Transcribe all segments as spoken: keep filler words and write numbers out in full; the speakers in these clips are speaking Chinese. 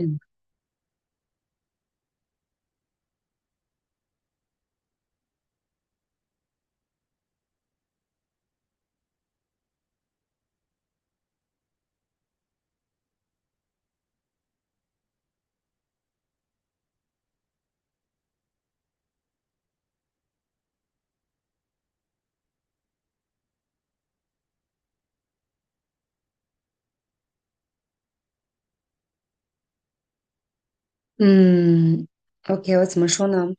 嗯嗯，OK，我怎么说呢？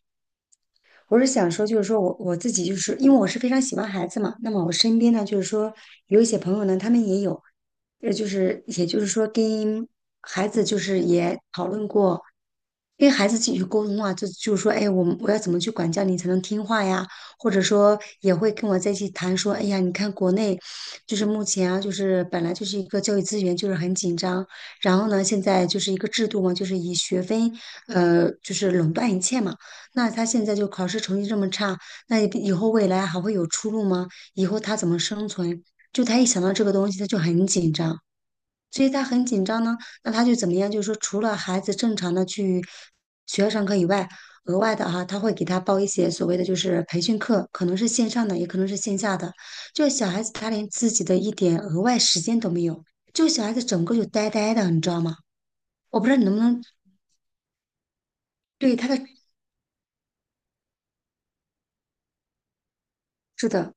我是想说，就是说我我自己就是因为我是非常喜欢孩子嘛，那么我身边呢，就是说有一些朋友呢，他们也有，呃，就是也就是说跟孩子就是也讨论过，跟孩子继续沟通啊，就就是说，哎，我们我要怎么去管教你才能听话呀？或者说也会跟我在一起谈说，哎呀，你看国内就是目前啊，就是本来就是一个教育资源就是很紧张，然后呢，现在就是一个制度嘛，就是以学分呃就是垄断一切嘛。那他现在就考试成绩这么差，那以后未来还会有出路吗？以后他怎么生存？就他一想到这个东西，他就很紧张，所以他很紧张呢。那他就怎么样？就是说，除了孩子正常的去学校上课以外，额外的哈、他会给他报一些所谓的就是培训课，可能是线上的，也可能是线下的。就小孩子他连自己的一点额外时间都没有，就小孩子整个就呆呆的，你知道吗？我不知道你能不能对他的，是的。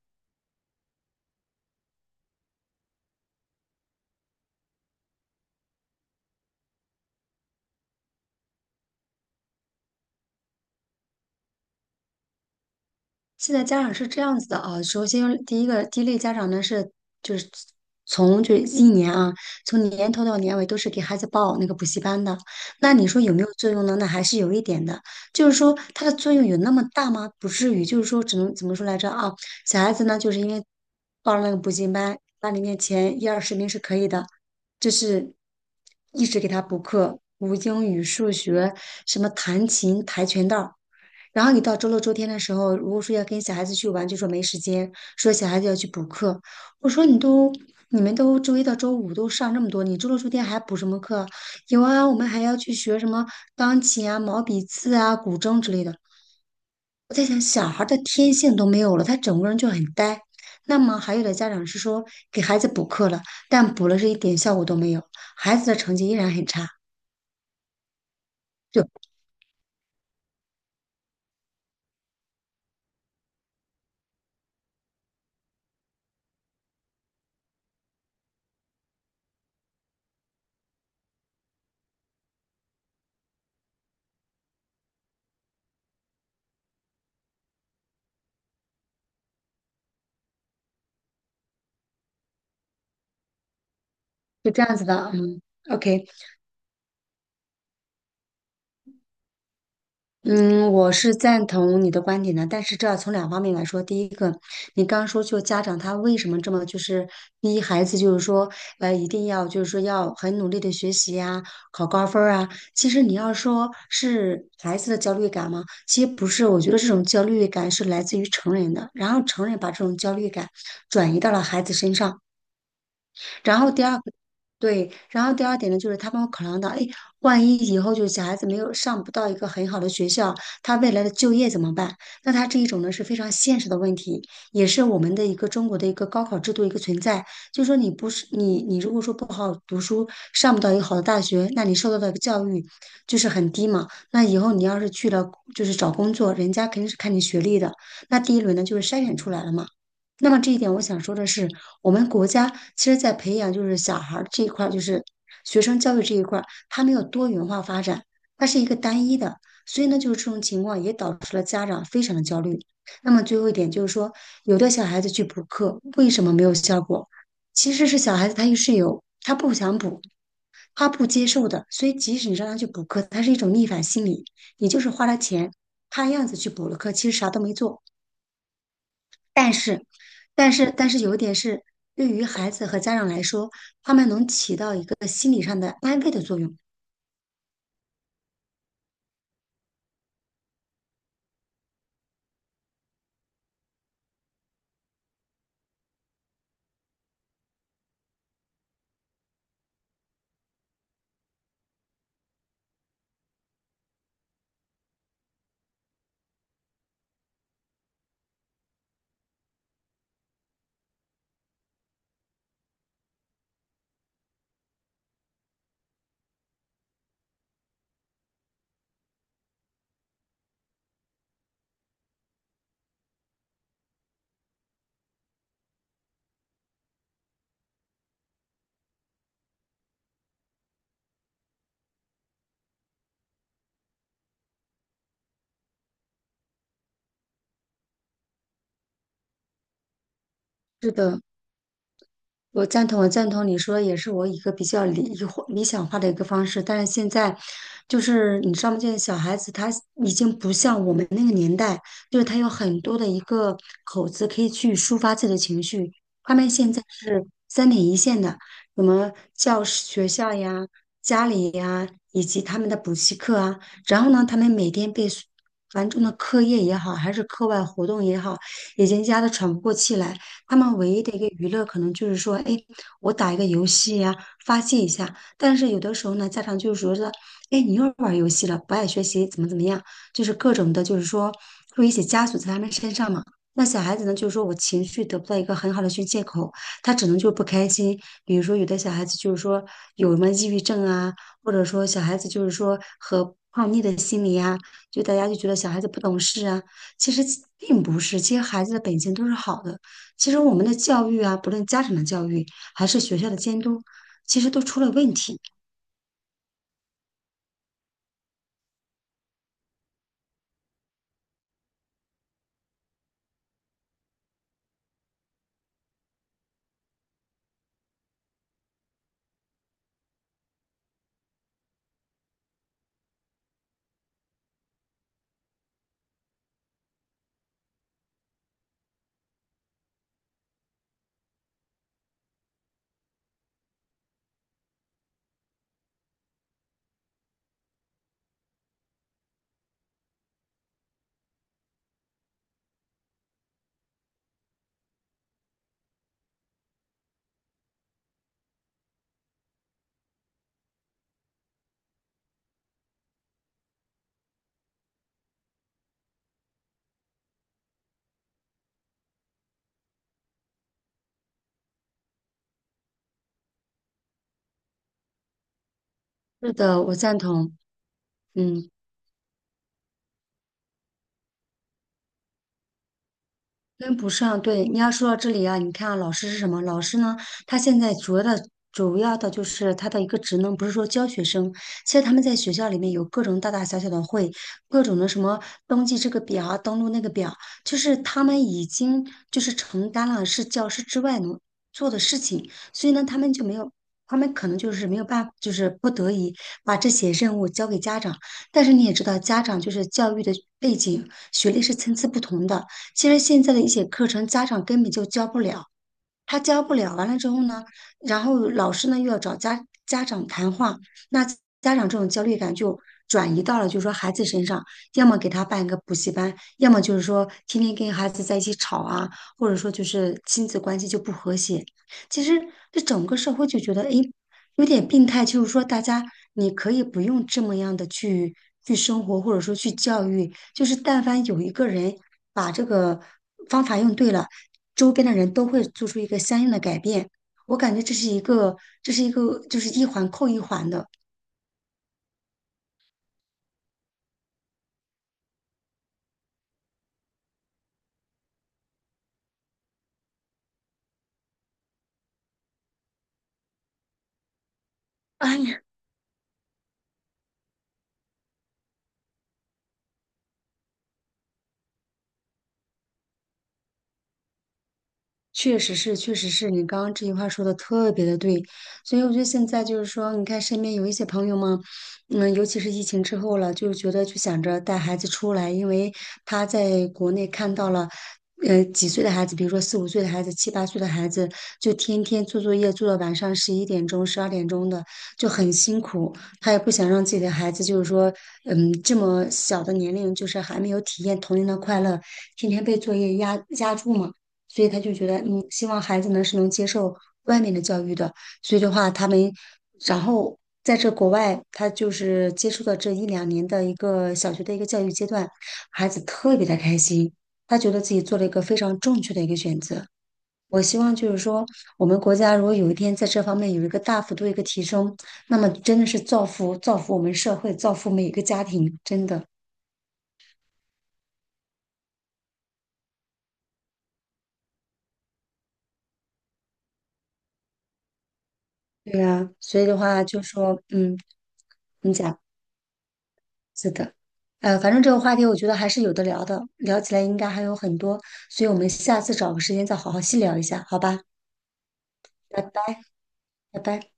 现在家长是这样子的啊，首先第一个第一类家长呢是从这一年啊，从年头到年尾都是给孩子报那个补习班的。那你说有没有作用呢？那还是有一点的，就是说它的作用有那么大吗？不至于，就是说只能怎么说来着啊？小孩子呢，就是因为报了那个补习班，班里面前一二十名是可以的，就是一直给他补课，补英语、数学，什么弹琴、跆拳道。然后你到周六周天的时候，如果说要跟小孩子去玩，就说没时间，说小孩子要去补课。我说你都，你们都周一到周五都上这么多，你周六周天还补什么课啊？有啊，我们还要去学什么钢琴啊、毛笔字啊、古筝之类的。我在想，小孩儿的天性都没有了，他整个人就很呆。那么还有的家长是说给孩子补课了，但补了是一点效果都没有，孩子的成绩依然很差，就就这样子的。嗯，OK，嗯，我是赞同你的观点的，但是这要从两方面来说。第一个，你刚刚说就家长他为什么这么就是逼孩子，就是说呃一定要就是说要很努力的学习呀、考高分儿啊。其实你要说是孩子的焦虑感吗？其实不是，我觉得这种焦虑感是来自于成人的，然后成人把这种焦虑感转移到了孩子身上。然后第二个，对，然后第二点呢，就是他们会考量到，哎，万一以后就是小孩子没有上不到一个很好的学校，他未来的就业怎么办？那他这一种呢是非常现实的问题，也是我们的一个中国的一个高考制度一个存在。就是说你不是你你如果说不好读书，上不到一个好的大学，那你受到的教育就是很低嘛。那以后你要是去了就是找工作，人家肯定是看你学历的。那第一轮呢就是筛选出来了嘛。那么这一点，我想说的是，我们国家其实在培养就是小孩儿这一块儿，就是学生教育这一块儿，它没有多元化发展，它是一个单一的，所以呢，就是这种情况也导致了家长非常的焦虑。那么最后一点就是说，有的小孩子去补课，为什么没有效果？其实是小孩子他有是有，他不想补，他不接受的，所以即使你让他去补课，他是一种逆反心理，你就是花了钱，看样子去补了课，其实啥都没做。但是，但是，但是有一点是，对于孩子和家长来说，他们能起到一个心理上的安慰的作用。是的，我赞同，我赞同你说的也是我一个比较理或理想化的一个方式，但是现在就是你知道吗？现在小孩子他已经不像我们那个年代，就是他有很多的一个口子可以去抒发自己的情绪，他们现在是三点一线的，什么教室、学校呀、家里呀，以及他们的补习课啊，然后呢，他们每天被繁重的课业也好，还是课外活动也好，已经压得喘不过气来。他们唯一的一个娱乐可能就是说，哎，我打一个游戏呀、发泄一下。但是有的时候呢，家长就是说是，哎，你又玩游戏了，不爱学习，怎么怎么样，就是各种的，就是说会一起枷锁在他们身上嘛。那小孩子呢，就是说我情绪得不到一个很好的宣泄口，他只能就是不开心。比如说，有的小孩子就是说有什么抑郁症啊，或者说小孩子就是说和叛逆的心理啊，就大家就觉得小孩子不懂事啊，其实其并不是，其实孩子的本性都是好的，其实我们的教育啊，不论家长的教育还是学校的监督，其实都出了问题。是的，我赞同。嗯，跟不上，对，你要说到这里啊，你看啊，老师是什么？老师呢，他现在主要的主要的就是他的一个职能，不是说教学生。其实他们在学校里面有各种大大小小的会，各种的什么登记这个表啊，登录那个表，就是他们已经就是承担了是教师之外能做的事情，所以呢，他们就没有。他们可能就是没有办法，就是不得已把这些任务交给家长，但是你也知道，家长就是教育的背景、学历是参差不同的，其实现在的一些课程，家长根本就教不了，他教不了，完了之后呢，然后老师呢又要找家家长谈话，那家长这种焦虑感就转移到了就是说孩子身上，要么给他办一个补习班，要么就是说天天跟孩子在一起吵啊，或者说就是亲子关系就不和谐。其实这整个社会就觉得，诶，有点病态，就是说大家你可以不用这么样的去去生活，或者说去教育，就是但凡有一个人把这个方法用对了。周边的人都会做出一个相应的改变。我感觉这是一个，这是一个，就是一环扣一环的。哎呀，确实是，确实是你刚刚这句话说的特别的对，所以我觉得现在就是说，你看身边有一些朋友嘛，嗯，尤其是疫情之后了，就觉得就想着带孩子出来，因为他在国内看到了，呃，几岁的孩子，比如说四五岁的孩子、七八岁的孩子，就天天做作业做到晚上十一点钟、十二点钟的，就很辛苦。他也不想让自己的孩子就是说，嗯，这么小的年龄，就是还没有体验童年的快乐，天天被作业压压住嘛。所以他就觉得，嗯，希望孩子呢是能接受外面的教育的。所以的话，他们，然后在这国外，他就是接触的这一两年的一个小学的一个教育阶段，孩子特别的开心，他觉得自己做了一个非常正确的一个选择。我希望就是说，我们国家如果有一天在这方面有一个大幅度一个提升，那么真的是造福造福我们社会，造福每一个家庭，真的。对呀，所以的话就说，嗯，你讲。是的，呃，反正这个话题我觉得还是有的聊的，聊起来应该还有很多，所以我们下次找个时间再好好细聊一下，好吧？拜拜，拜拜。